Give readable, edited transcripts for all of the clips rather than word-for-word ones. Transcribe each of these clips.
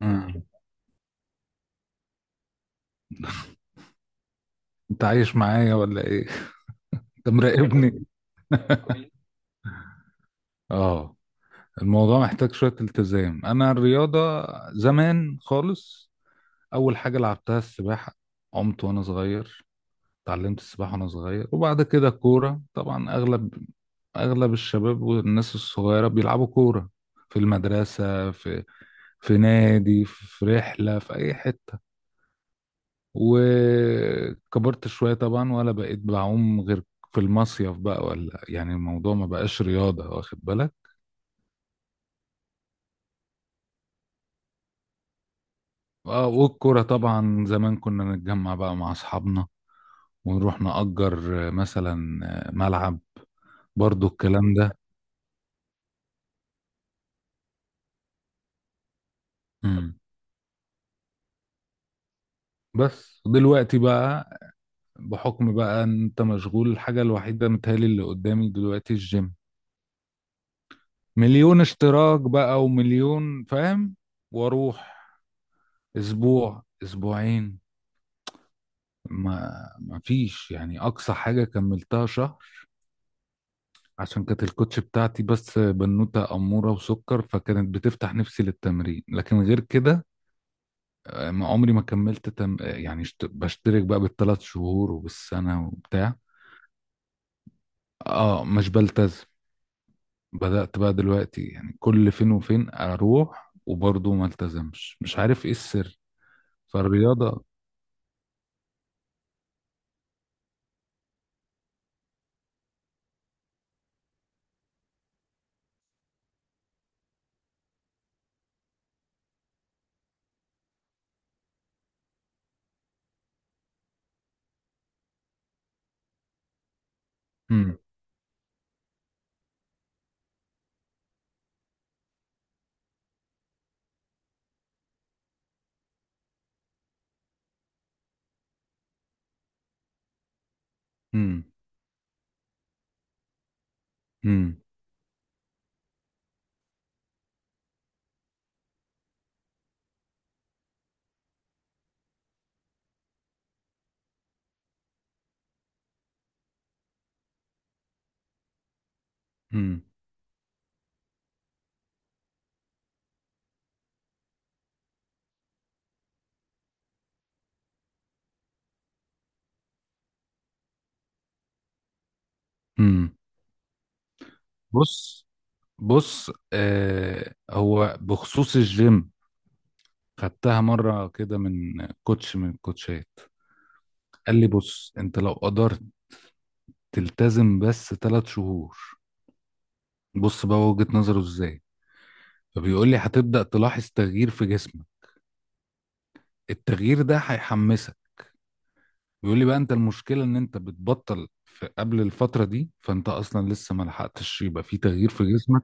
مم. انت عايش معايا ولا ايه؟ انت مراقبني؟ اه، الموضوع محتاج شوية التزام. انا الرياضة زمان خالص. اول حاجة لعبتها السباحة، عمت وانا صغير، اتعلمت السباحة وانا صغير. وبعد كده كورة، طبعا اغلب الشباب والناس الصغيرة بيلعبوا كورة في المدرسة، في نادي، في رحلة، في اي حتة. وكبرت شوية طبعا ولا بقيت بعوم غير في المصيف بقى، ولا يعني الموضوع ما بقاش رياضة، واخد بالك. اه، والكرة طبعا زمان كنا نتجمع بقى مع أصحابنا ونروح نأجر، مثلا، ملعب. برضو الكلام ده. مم. بس دلوقتي بقى، بحكم بقى ان انت مشغول، الحاجة الوحيدة متهيألي اللي قدامي دلوقتي الجيم. مليون اشتراك بقى ومليون، فاهم، واروح اسبوع اسبوعين. ما فيش يعني، اقصى حاجه كملتها شهر، عشان كانت الكوتش بتاعتي بس بنوته اموره وسكر، فكانت بتفتح نفسي للتمرين، لكن غير كده ما عمري ما كملت، تم... آه، يعني بشترك بقى بالثلاث شهور وبالسنه وبتاع. اه، مش بلتزم. بدأت بقى دلوقتي يعني كل فين وفين اروح، وبرضه ما التزمش، مش عارف ايه السر فالرياضه. امم امم امم امم بص، بص، هو بخصوص الجيم، خدتها مرة كده من كوتش، من الكوتشات. قال لي: بص، انت لو قدرت تلتزم بس 3 شهور، بص بقى وجهة نظره ازاي، فبيقول لي هتبدأ تلاحظ تغيير في جسمك، التغيير ده هيحمسك. بيقول لي بقى: انت المشكلة ان انت بتبطل في قبل الفترة دي، فانت اصلا لسه ما لحقتش يبقى في تغيير في جسمك،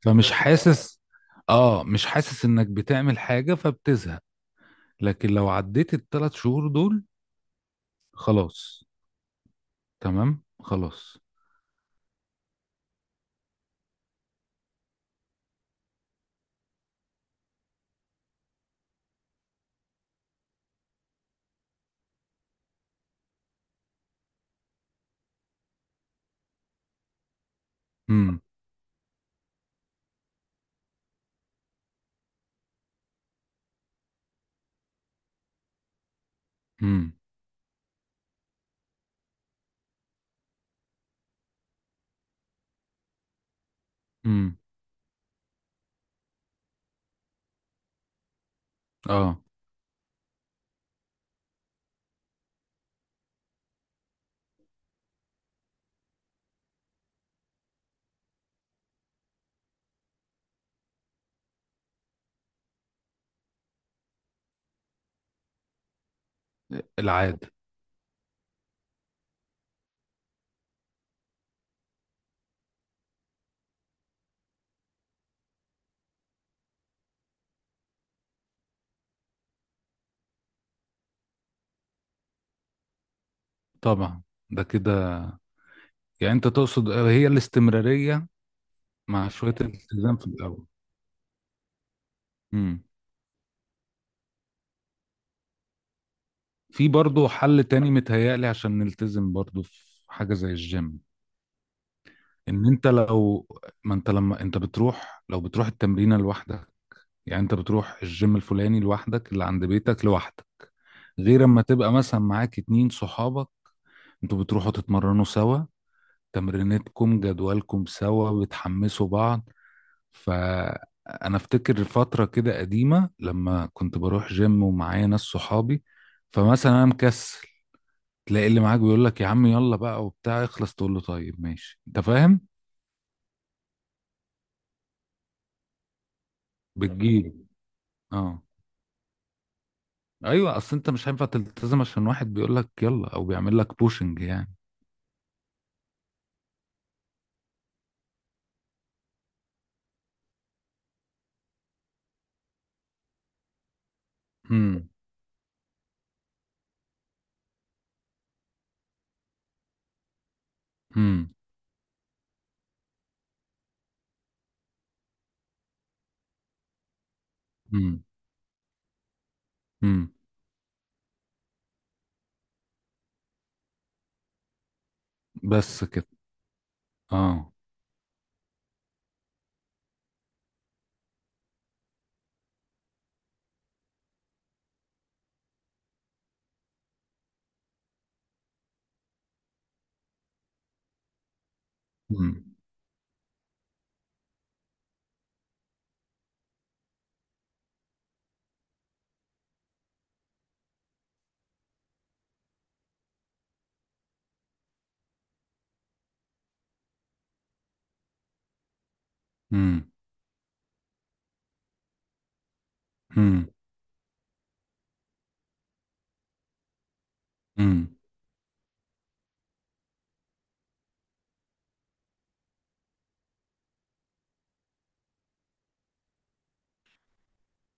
فمش تبقى حاسس. اه، مش حاسس انك بتعمل حاجة، فبتزهق. لكن لو عديت الثلاث شهور دول خلاص، تمام خلاص. امم امم امم اه، العادة طبعا. ده كده يعني انت تقصد هي الاستمرارية، مع شوية الالتزام في الاول. امم في برضو حل تاني متهيألي عشان نلتزم برضو في حاجة زي الجيم: ان انت لو، ما انت لما انت بتروح، لو بتروح التمرينة لوحدك، يعني انت بتروح الجيم الفلاني لوحدك اللي عند بيتك لوحدك، غير اما تبقى مثلا معاك اتنين صحابك، انتوا بتروحوا تتمرنوا سوا، تمرينتكم جدولكم سوا، بتحمسوا بعض. فأنا أفتكر فترة كده قديمة لما كنت بروح جيم ومعايا ناس صحابي، فمثلا أنا مكسل، تلاقي اللي معاك بيقول لك: يا عم، يلا بقى وبتاع، اخلص. تقول له: طيب ماشي. أنت فاهم؟ بتجيب. اه، أيوه، أصل أنت مش هينفع تلتزم عشان واحد بيقول لك يلا، أو بيعمل لك بوشنج يعني. امم امم امم امم بس كده. اه. امم امم امم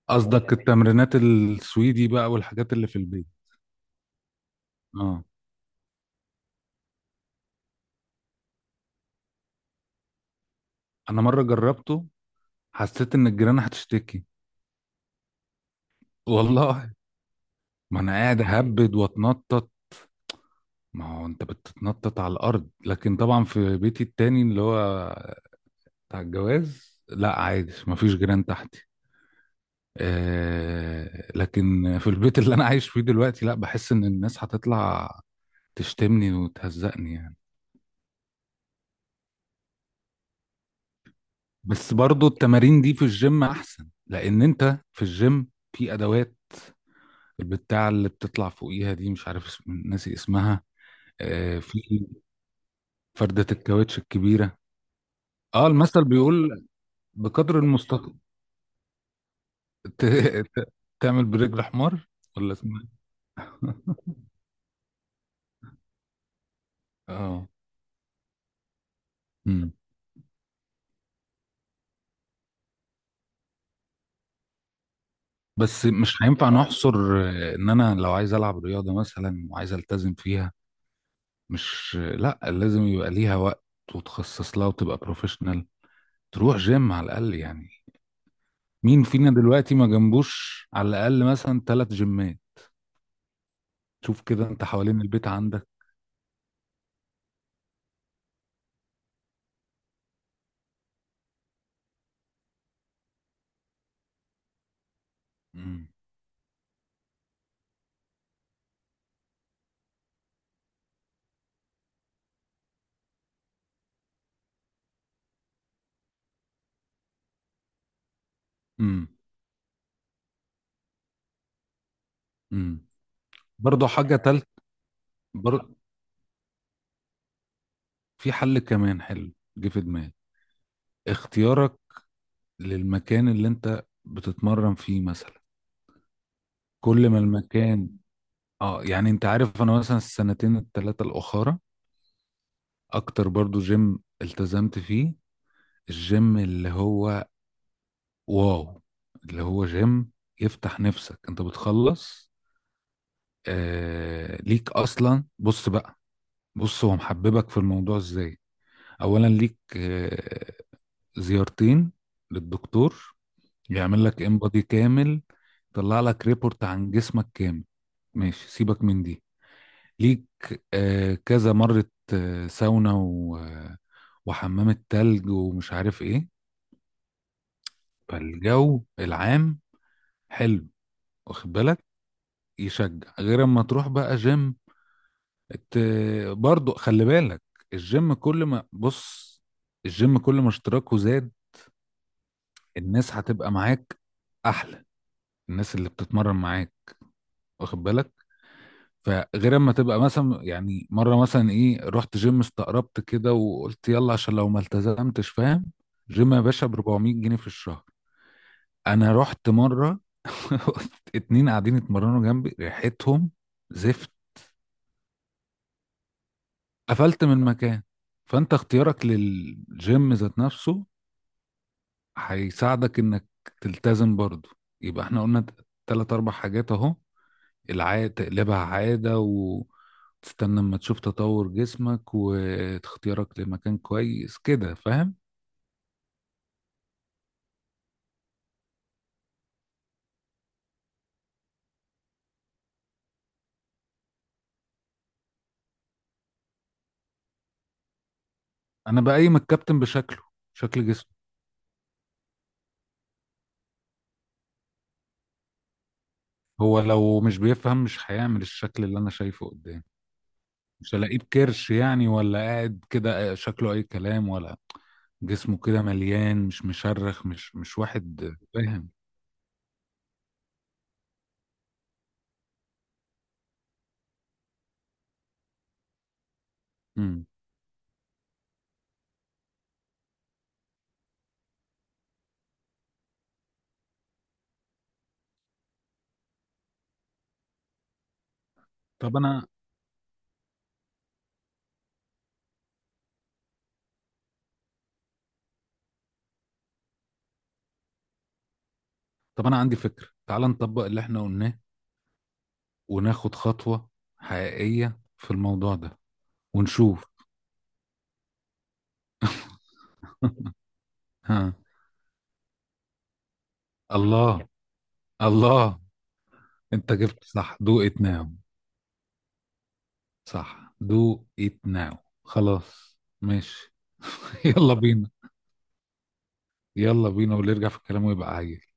قصدك يعني التمرينات السويدي بقى، والحاجات اللي في البيت. اه، انا مره جربته، حسيت ان الجيران هتشتكي، والله. ما انا قاعد اهبد واتنطط. ما هو انت بتتنطط على الارض، لكن طبعا في بيتي التاني اللي هو بتاع الجواز لا عادي، ما فيش جيران تحتي. لكن في البيت اللي انا عايش فيه دلوقتي لا، بحس ان الناس هتطلع تشتمني وتهزقني يعني. بس برضو التمارين دي في الجيم احسن، لان انت في الجيم في ادوات، البتاع اللي بتطلع فوقيها دي مش عارف اسم، ناسي اسمها. في فردة الكاوتش الكبيرة. اه، المثل بيقول: بقدر المستطاع ت... ت... تعمل برجل حمار. ولا اسمها إيه؟ اه. مم. بس مش هينفع نحصر، ان انا لو عايز العب رياضة مثلا وعايز التزم فيها، مش، لا، لازم يبقى ليها وقت، وتخصص لها، وتبقى بروفيشنال، تروح جيم على الاقل يعني. مين فينا دلوقتي ما جنبوش على الاقل مثلا ثلاث جيمات؟ شوف كده انت حوالين البيت عندك. امم امم امم برضه حاجة تالت. بر... في حل كمان حلو جه في دماغي: اختيارك للمكان اللي انت بتتمرن فيه مثلا. كل ما المكان، اه يعني انت عارف انا مثلا السنتين التلاتة الاخرى اكتر برضه جيم التزمت فيه، الجيم اللي هو واو، اللي هو جيم يفتح نفسك، انت بتخلص ليك اصلا. بص بقى، بص هو محببك في الموضوع ازاي: اولا ليك زيارتين للدكتور، يعمل لك انبادي كامل، يطلع لك ريبورت عن جسمك كامل، ماشي سيبك من دي. ليك كذا مرة ساونا وحمام التلج ومش عارف ايه. فالجو العام حلو، واخد بالك، يشجع، غير اما تروح بقى جيم. ت... برضو خلي بالك، الجيم كل ما بص، الجيم كل ما اشتراكه زاد، الناس هتبقى معاك احلى، الناس اللي بتتمرن معاك، واخد بالك. فغير اما تبقى مثلا يعني، مره مثلا ايه، رحت جيم استقربت كده وقلت يلا، عشان لو ما التزمتش، فاهم، جيم يا باشا ب 400 جنيه في الشهر. انا رحت مره، اتنين قاعدين يتمرنوا جنبي ريحتهم زفت، قفلت من المكان. فانت اختيارك للجيم ذات نفسه هيساعدك انك تلتزم برضه. يبقى احنا قلنا تلات اربع حاجات اهو: العادة تقلبها عادة، وتستنى اما تشوف تطور جسمك، واختيارك لمكان كويس كده، فاهم. انا بقيم الكابتن بشكله، شكل جسمه، هو لو مش بيفهم مش هيعمل الشكل اللي انا شايفه قدامي. مش هلاقيه بكرش يعني، ولا قاعد كده شكله اي كلام، ولا جسمه كده مليان، مش مشرخ، مش واحد، فاهم. مم. طب انا طب انا عندي فكرة: تعال نطبق اللي احنا قلناه، وناخد خطوة حقيقية في الموضوع ده ونشوف. ها. الله. الله. انت جبت صح دو ات ناو. صح دو ات ناو. خلاص ماشي. يلا بينا. يلا بينا، واللي يرجع في الكلام ويبقى عايز